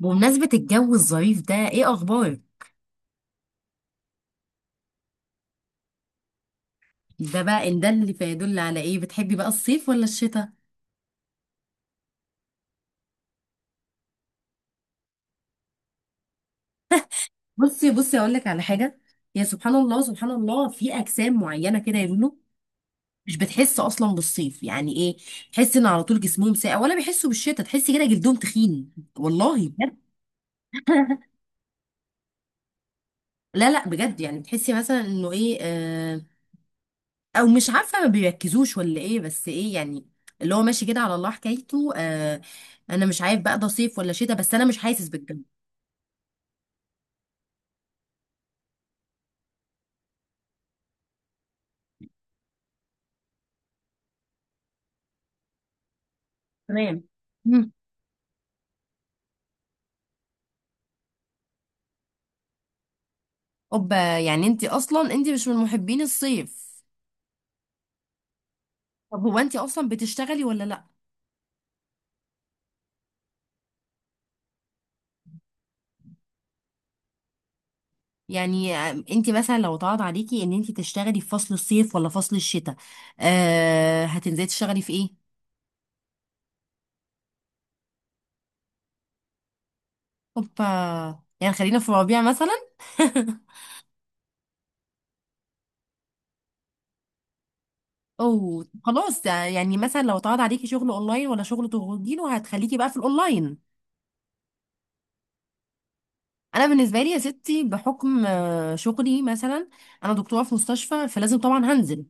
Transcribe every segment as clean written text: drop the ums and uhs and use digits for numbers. بمناسبة الجو الظريف ده ايه اخبارك؟ ده بقى ان ده اللي فيدل على ايه. بتحبي بقى الصيف ولا الشتاء؟ بصي بصي، اقول لك على حاجة. يا سبحان الله سبحان الله، في اجسام معينة كده يا لولو، مش بتحس اصلا بالصيف. يعني ايه؟ تحس ان على طول جسمهم ساقع، ولا بيحسوا بالشتاء تحسي كده جلدهم تخين. والله بجد. لا لا، بجد يعني بتحسي مثلا انه ايه. او مش عارفه، ما بيركزوش ولا ايه، بس ايه يعني، اللي هو ماشي كده على الله حكايته. انا مش عارف بقى ده صيف ولا شتاء، بس انا مش حاسس بالجو. تمام. مم. اوبا، يعني انت اصلا انت مش من محبين الصيف. طب هو انت اصلا بتشتغلي ولا لا؟ يعني انت مثلا لو اتعرض عليكي ان انت تشتغلي في فصل الصيف ولا فصل الشتاء، آه، هتنزلي تشتغلي في ايه؟ اوبا، يعني خلينا في الربيع مثلا. او خلاص، يعني مثلا لو اتعرض عليكي شغل اونلاين ولا شغل تخرجي له، هتخليكي بقى في الاونلاين. انا بالنسبه لي يا ستي بحكم شغلي مثلا، انا دكتوره في مستشفى، فلازم طبعا هنزل.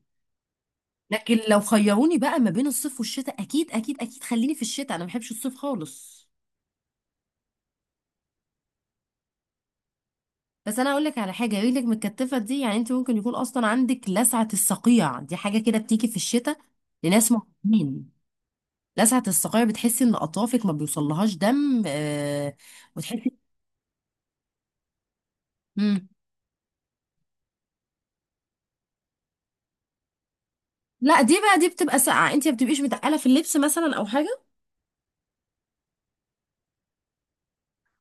لكن لو خيروني بقى ما بين الصيف والشتاء، اكيد اكيد اكيد خليني في الشتاء، انا ما بحبش الصيف خالص. بس انا اقول لك على حاجه، رجلك متكتفه دي يعني انت ممكن يكون اصلا عندك لسعه الصقيع، دي حاجه كده بتيجي في الشتاء لناس معينين. لسعه الصقيع بتحسي ان اطرافك ما بيوصلهاش دم. وتحسي. مم. لا دي بقى، دي بتبقى ساقعه، انت ما بتبقيش متقله في اللبس مثلا او حاجه.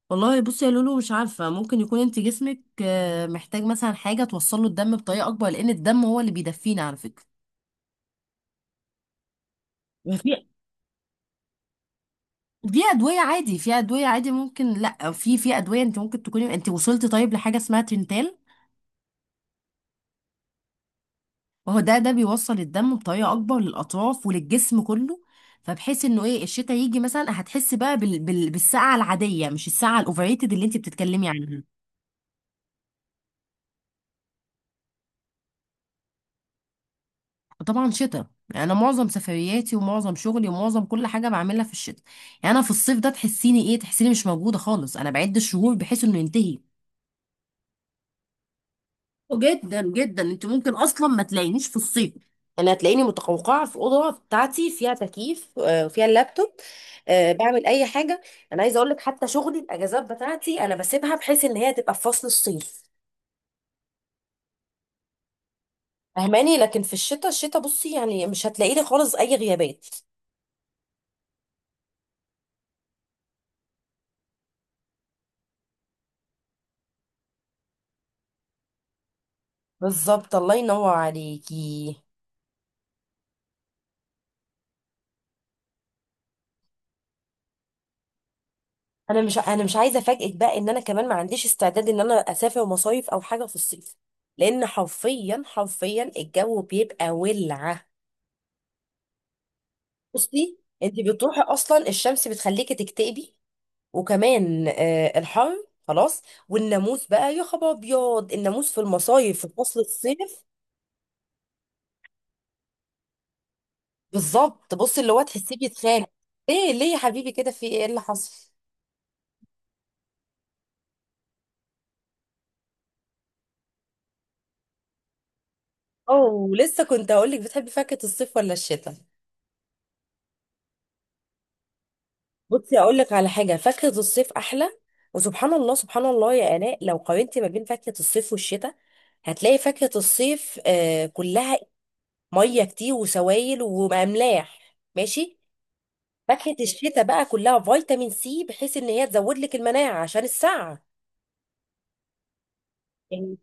والله بصي يا لولو، مش عارفه، ممكن يكون انت جسمك محتاج مثلا حاجه توصل له الدم بطريقه اكبر، لان الدم هو اللي بيدفينا على فكره. ما في، دي ادويه عادي، في ادويه عادي ممكن، لا في ادويه، انت ممكن تكوني انت وصلتي طيب لحاجه اسمها تنتال. وهو ده بيوصل الدم بطريقه اكبر للاطراف وللجسم كله. فبحيث انه ايه الشتاء يجي مثلا، هتحسي بقى بالسقعه العاديه، مش السقعه الاوفريتد اللي انت بتتكلمي عنها. وطبعا شتاء. انا معظم سفرياتي ومعظم شغلي ومعظم كل حاجه بعملها في الشتاء. يعني انا في الصيف ده تحسيني ايه، تحسيني مش موجوده خالص، انا بعد الشهور بحيث انه ينتهي. جدا جدا، انت ممكن اصلا ما تلاقينيش في الصيف. انا هتلاقيني متقوقعه في الاوضه بتاعتي، فيها تكييف وفيها اللابتوب، بعمل اي حاجه. انا عايزه اقول لك، حتى شغلي الاجازات بتاعتي انا بسيبها بحيث ان هي تبقى في فصل الصيف، فاهماني؟ لكن في الشتاء، بصي يعني مش هتلاقي لي خالص اي غيابات. بالظبط، الله ينور عليكي. انا مش عايزه افاجئك بقى ان انا كمان ما عنديش استعداد ان انا اسافر مصايف او حاجه في الصيف، لان حرفيا حرفيا الجو بيبقى ولعه. بصي انت بتروحي اصلا، الشمس بتخليكي تكتئبي، وكمان الحر خلاص. والناموس بقى، يا خبر ابيض الناموس في المصايف في فصل الصيف. بالظبط. بصي، اللي هو تحسيه بيتخانق. ليه ليه يا حبيبي كده، في ايه اللي حصل؟ اوه، لسه كنت هقول لك، بتحبي فاكهة الصيف ولا الشتاء؟ بصي اقول لك على حاجة، فاكهة الصيف احلى. وسبحان الله سبحان الله يا آلاء، لو قارنتي ما بين فاكهة الصيف والشتاء، هتلاقي فاكهة الصيف كلها ميه كتير وسوائل واملاح، ماشي؟ فاكهه الشتاء بقى كلها فيتامين سي، بحيث ان هي تزود لك المناعه عشان السقعه، يعني.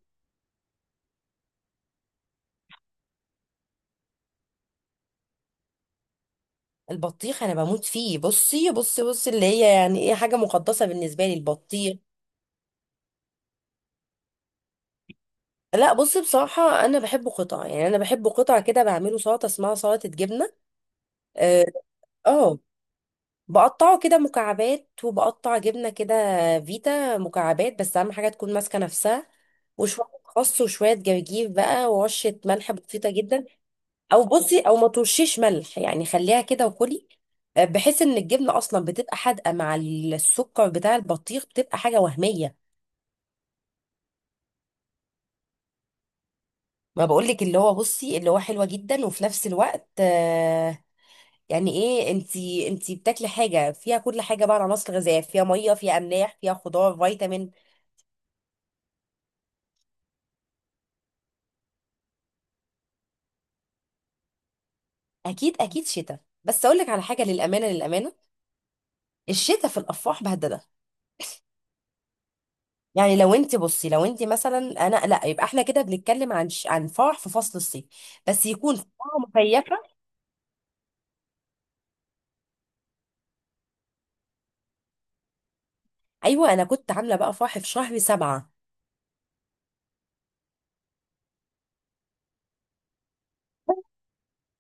البطيخ انا بموت فيه، بصي بصي بصي، اللي هي يعني ايه، حاجه مقدسه بالنسبه لي البطيخ. لا بصي، بصراحه انا بحبه قطع، يعني انا بحبه قطع كده، بعمله سلطه اسمها سلطه جبنه. اه. آه. بقطعه كده مكعبات، وبقطع جبنة كده فيتا مكعبات، بس أهم حاجة تكون ماسكة نفسها، وشوية خس وشوية جرجير بقى، ورشة ملح بسيطة جدا. أو بصي، أو ما ترشيش ملح يعني، خليها كده وكلي، بحيث إن الجبنة أصلا بتبقى حادقة مع السكر بتاع البطيخ، بتبقى حاجة وهمية. ما بقولك، اللي هو بصي، اللي هو حلوة جدا، وفي نفس الوقت يعني ايه، انتي بتاكلي حاجة فيها كل حاجة بقى، عناصر غذائية، فيها مية، فيها أملاح، فيها خضار، فيتامين. اكيد اكيد شتاء، بس اقول لك على حاجه، للامانه للامانه الشتاء في الافراح بهدله. يعني لو انت بصي، لو انت مثلا، انا لا، يبقى احنا كده بنتكلم عن عن فرح في فصل الصيف، بس يكون فرح مكيفه. ايوه، انا كنت عامله بقى فرح في شهر سبعة.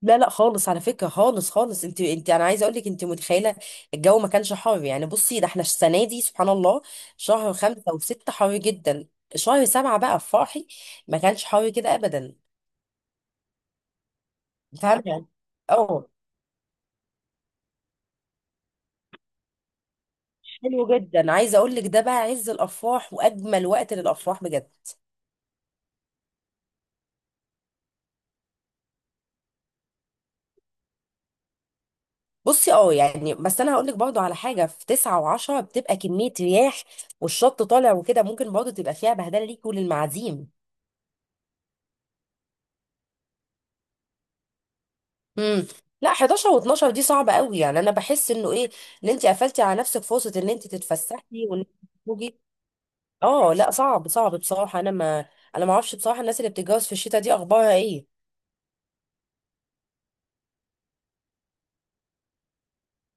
لا لا خالص، على فكره، خالص خالص، انت انا عايزه اقول لك، انت متخيله الجو ما كانش حر يعني؟ بصي ده احنا السنه دي سبحان الله، شهر خمسة وستة حر جدا، شهر سبعة بقى في فرحي ما كانش حر كده ابدا. فاهمه. اه، حلو جدا. عايزه اقول لك، ده بقى عز الافراح واجمل وقت للافراح بجد. بصي، يعني بس انا هقول لك برضو على حاجه، في تسعة وعشرة بتبقى كميه رياح والشط طالع وكده، ممكن برضو تبقى فيها بهدله ليكي وللمعازيم. امم. لا، 11 و12 دي صعبه قوي، يعني انا بحس انه ايه، ان انت قفلتي على نفسك فرصه ان انت تتفسحي وان انت تخرجي. اه لا، صعب صعب بصراحه، انا ما اعرفش بصراحه الناس اللي بتتجوز في الشتاء دي اخبارها ايه.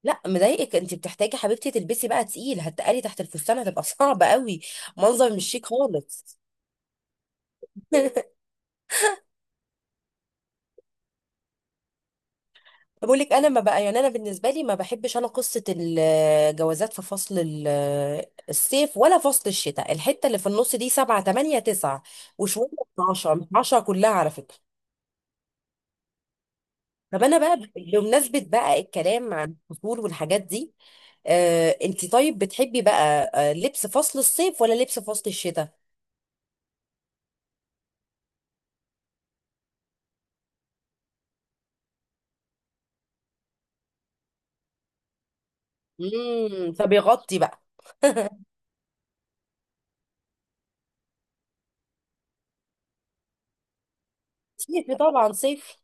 لا مضايقك، انت بتحتاجي حبيبتي تلبسي بقى تقيل، هتقلي تحت الفستان، هتبقى صعبة قوي، منظر مش شيك خالص. بقول لك انا ما بقى يعني، انا بالنسبه لي ما بحبش انا قصه الجوازات في فصل الصيف ولا فصل الشتاء، الحته اللي في النص دي 7 8 9 وشويه، 12 10 كلها على فكره. طب انا بقى بمناسبه بقى الكلام عن الفصول والحاجات دي، آه، انت طيب بتحبي بقى لبس فصل الصيف ولا لبس فصل الشتاء؟ فبيغطي بقى. صيفي طبعا، صيف.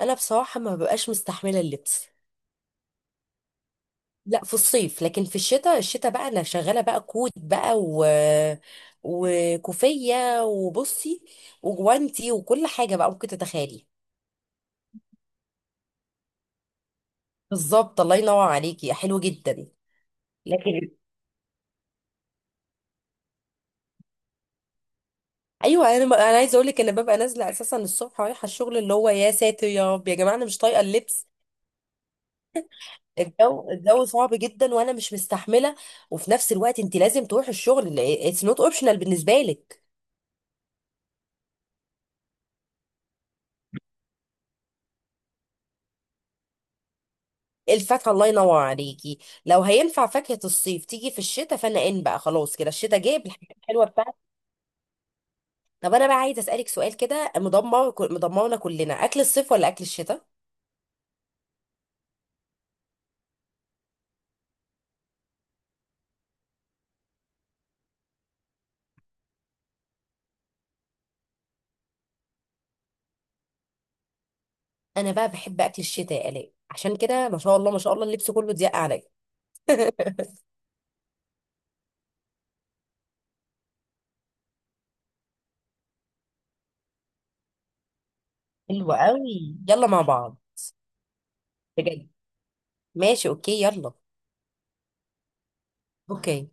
انا بصراحه ما ببقاش مستحمله اللبس، لا في الصيف، لكن في الشتاء، بقى انا شغاله بقى كوت بقى و... وكوفيه وبصي وجوانتي، وكل حاجه بقى ممكن تتخيلي. بالظبط، الله ينور عليكي، حلو جدا. لكن ايوه، انا عايزه اقول لك، انا ببقى نازله اساسا الصبح رايحه الشغل، اللي هو يا ساتر يا رب، يا جماعه انا مش طايقه اللبس. الجو صعب جدا، وانا مش مستحمله، وفي نفس الوقت انت لازم تروحي الشغل، اتس نوت اوبشنال بالنسبه لك. الفاكهه، الله ينور عليكي. لو هينفع فاكهه الصيف تيجي في الشتاء، فانا ان بقى خلاص كده الشتاء جاب الحاجات الحلوه بتاعتك. طب انا بقى عايزه اسالك سؤال كده مدمر، مدمرنا كلنا، اكل الصيف ولا اكل الشتاء؟ انا بقى بحب اكل الشتاء يا الاء، عشان كده ما شاء الله ما شاء الله اللبس كله ضيق عليا. حلو قوي، يلا مع بعض. بجد. ماشي، اوكي، يلا. اوكي.